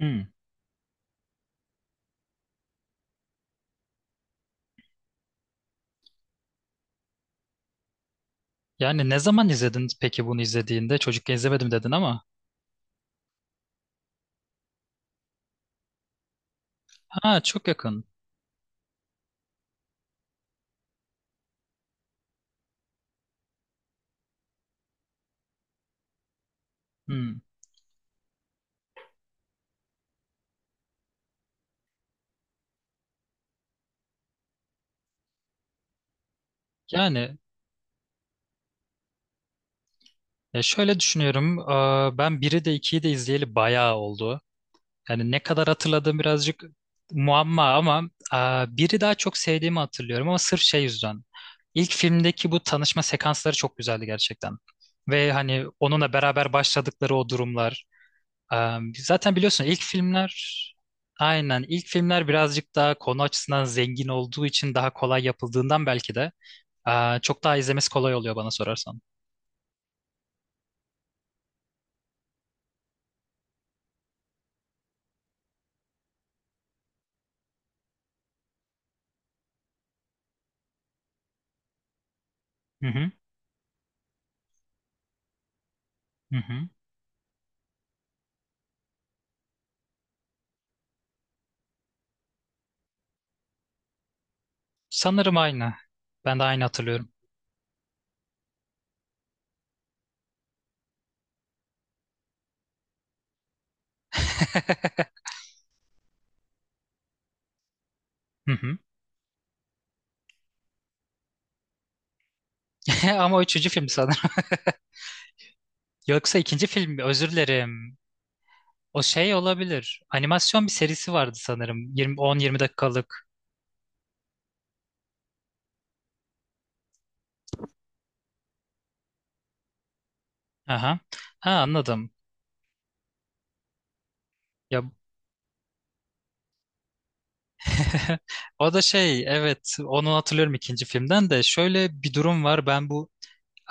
Hmm. Yani ne zaman izledin peki bunu izlediğinde? Çocukken izlemedim dedin ama. Ha, çok yakın. Hmm. Yani ya şöyle düşünüyorum. Ben biri de 2'yi de izleyeli bayağı oldu. Yani ne kadar hatırladığım birazcık muamma ama biri daha çok sevdiğimi hatırlıyorum ama sırf şey yüzden. İlk filmdeki bu tanışma sekansları çok güzeldi gerçekten. Ve hani onunla beraber başladıkları o durumlar. Zaten biliyorsun ilk filmler birazcık daha konu açısından zengin olduğu için daha kolay yapıldığından belki de çok daha izlemesi kolay oluyor bana sorarsan. Hı hı, hı hı. Sanırım aynı. Ben de aynı hatırlıyorum. Hı hı. Ama o üçüncü film sanırım. Yoksa ikinci film mi? Özür dilerim. O şey olabilir. Animasyon bir serisi vardı sanırım. 20, 10-20 dakikalık. Aha. Ha, anladım. Ya. O da şey, evet, onu hatırlıyorum. İkinci filmden de şöyle bir durum var, ben bu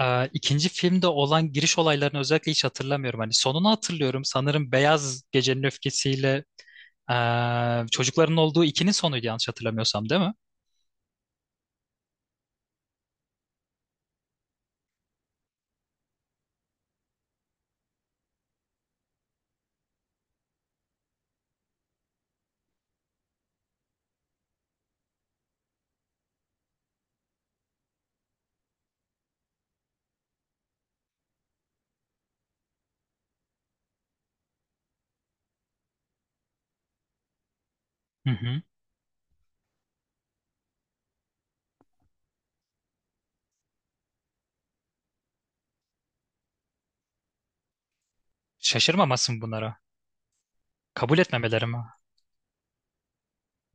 ikinci filmde olan giriş olaylarını özellikle hiç hatırlamıyorum. Hani sonunu hatırlıyorum sanırım, Beyaz Gecenin Öfkesiyle çocukların olduğu ikinin sonuydu, yanlış hatırlamıyorsam, değil mi? Hı hı. Şaşırmamasın bunlara. Kabul etmemeleri mi?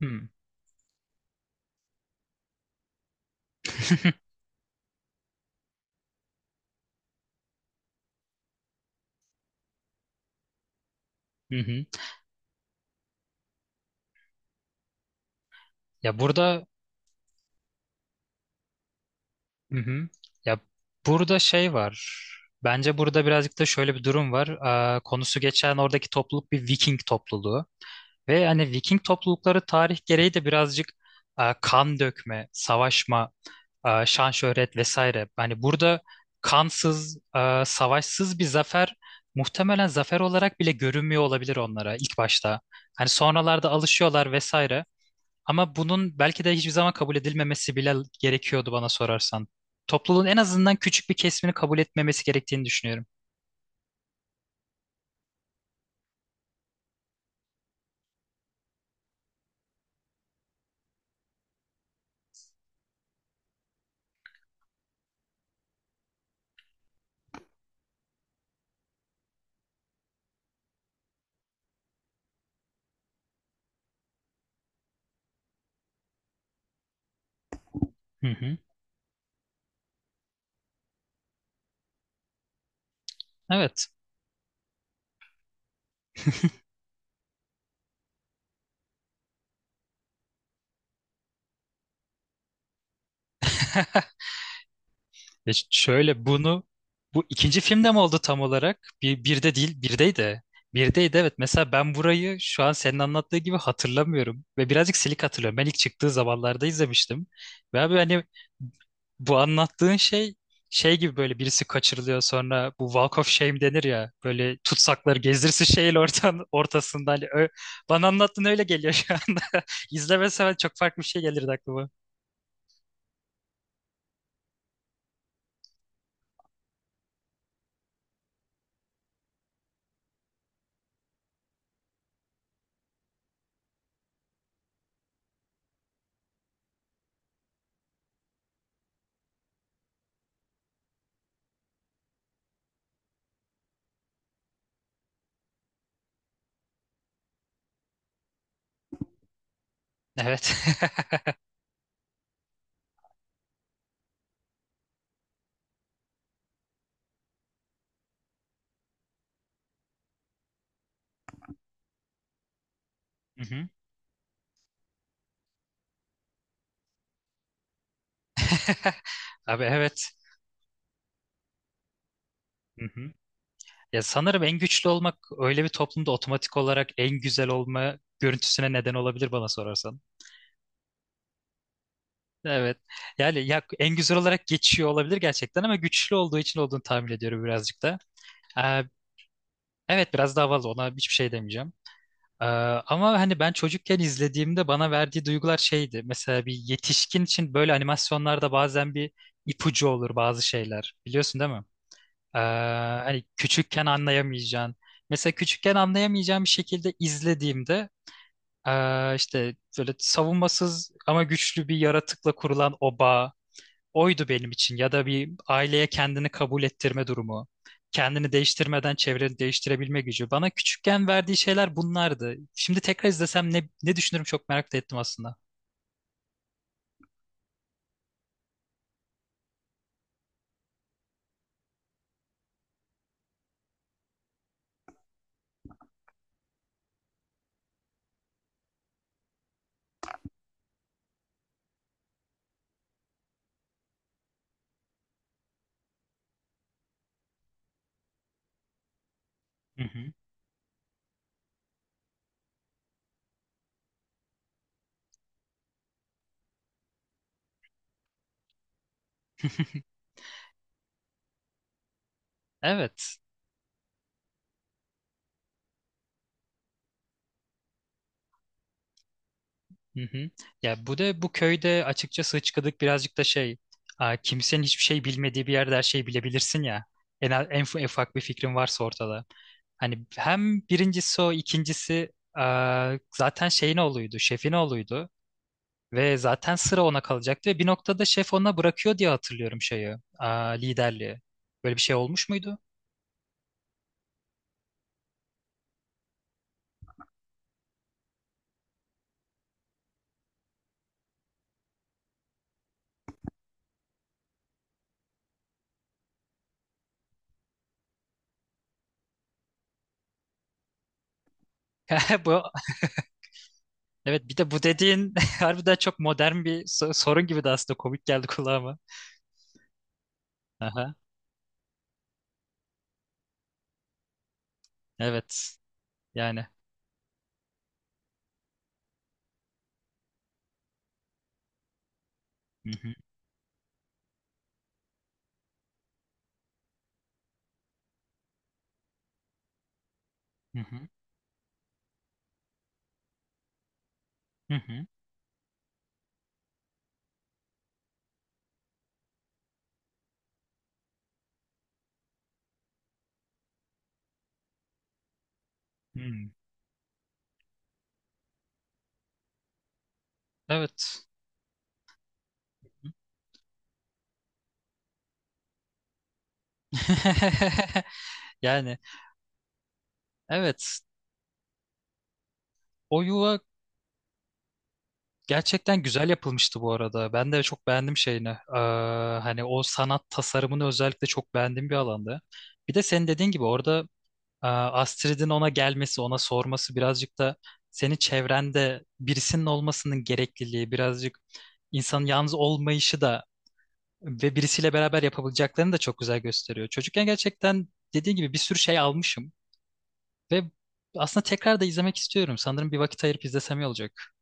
Hı hı. Hı. Ya burada. Hı hı. Ya burada şey var. Bence burada birazcık da şöyle bir durum var. Konusu geçen oradaki topluluk bir Viking topluluğu. Ve hani Viking toplulukları tarih gereği de birazcık kan dökme, savaşma, şan şöhret vesaire. Hani burada kansız, savaşsız bir zafer muhtemelen zafer olarak bile görünmüyor olabilir onlara ilk başta. Hani sonralarda alışıyorlar vesaire. Ama bunun belki de hiçbir zaman kabul edilmemesi bile gerekiyordu bana sorarsan. Topluluğun en azından küçük bir kesimini kabul etmemesi gerektiğini düşünüyorum. Hı hı. Evet. Şöyle bunu, bu ikinci filmde mi oldu tam olarak? Bir, birde değil, birdeydi. Birdeydi, evet. Mesela ben burayı şu an senin anlattığı gibi hatırlamıyorum. Ve birazcık silik hatırlıyorum. Ben ilk çıktığı zamanlarda izlemiştim. Ve abi hani bu anlattığın şey gibi, böyle birisi kaçırılıyor, sonra bu Walk of Shame denir ya, böyle tutsakları gezdirsin şeyin ortasında, hani bana anlattığın öyle geliyor şu anda. İzlemesem çok farklı bir şey gelirdi aklıma. Evet. Hı hı. Abi, evet. Hı hı. Ya sanırım en güçlü olmak öyle bir toplumda otomatik olarak en güzel olma görüntüsüne neden olabilir bana sorarsan. Evet. Yani ya en güzel olarak geçiyor olabilir gerçekten ama güçlü olduğu için olduğunu tahmin ediyorum birazcık da. Ee, evet, biraz daha fazla ona hiçbir şey demeyeceğim. Ee, ama hani ben çocukken izlediğimde bana verdiği duygular şeydi. Mesela bir yetişkin için böyle animasyonlarda bazen bir ipucu olur bazı şeyler. Biliyorsun değil mi? Ee, hani küçükken anlayamayacağın. Mesela küçükken anlayamayacağım bir şekilde izlediğimde işte böyle savunmasız ama güçlü bir yaratıkla kurulan o bağ oydu benim için. Ya da bir aileye kendini kabul ettirme durumu. Kendini değiştirmeden çevreni değiştirebilme gücü. Bana küçükken verdiği şeyler bunlardı. Şimdi tekrar izlesem ne düşünürüm çok merak da ettim aslında. Hı hı. Evet. Hı hı. Ya bu da, bu köyde açıkçası hıçkıdık birazcık da şey, kimsenin hiçbir şey bilmediği bir yerde her şeyi bilebilirsin ya. En ufak bir fikrin varsa ortada. Hani hem birincisi o, ikincisi zaten şeyin oğluydu şefin oğluydu. Ve zaten sıra ona kalacaktı ve bir noktada şef ona bırakıyor diye hatırlıyorum liderliği. Böyle bir şey olmuş muydu? Bu, evet, bir de bu dediğin harbiden çok modern bir sorun gibi de, aslında komik geldi kulağıma. Aha, evet. Yani. Hı hı, hı hı, hı hı, hı. Evet. Yani, evet, o yuva gerçekten güzel yapılmıştı bu arada. Ben de çok beğendim şeyini. Hani o sanat tasarımını özellikle çok beğendiğim bir alanda. Bir de senin dediğin gibi orada Astrid'in ona gelmesi, ona sorması birazcık da senin çevrende birisinin olmasının gerekliliği, birazcık insanın yalnız olmayışı da ve birisiyle beraber yapabileceklerini de çok güzel gösteriyor. Çocukken gerçekten dediğin gibi bir sürü şey almışım ve aslında tekrar da izlemek istiyorum. Sanırım bir vakit ayırıp izlesem iyi olacak.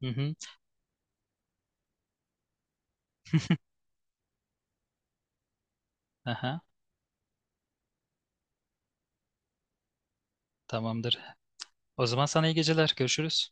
Hı hı. Aha, tamamdır. O zaman sana iyi geceler. Görüşürüz.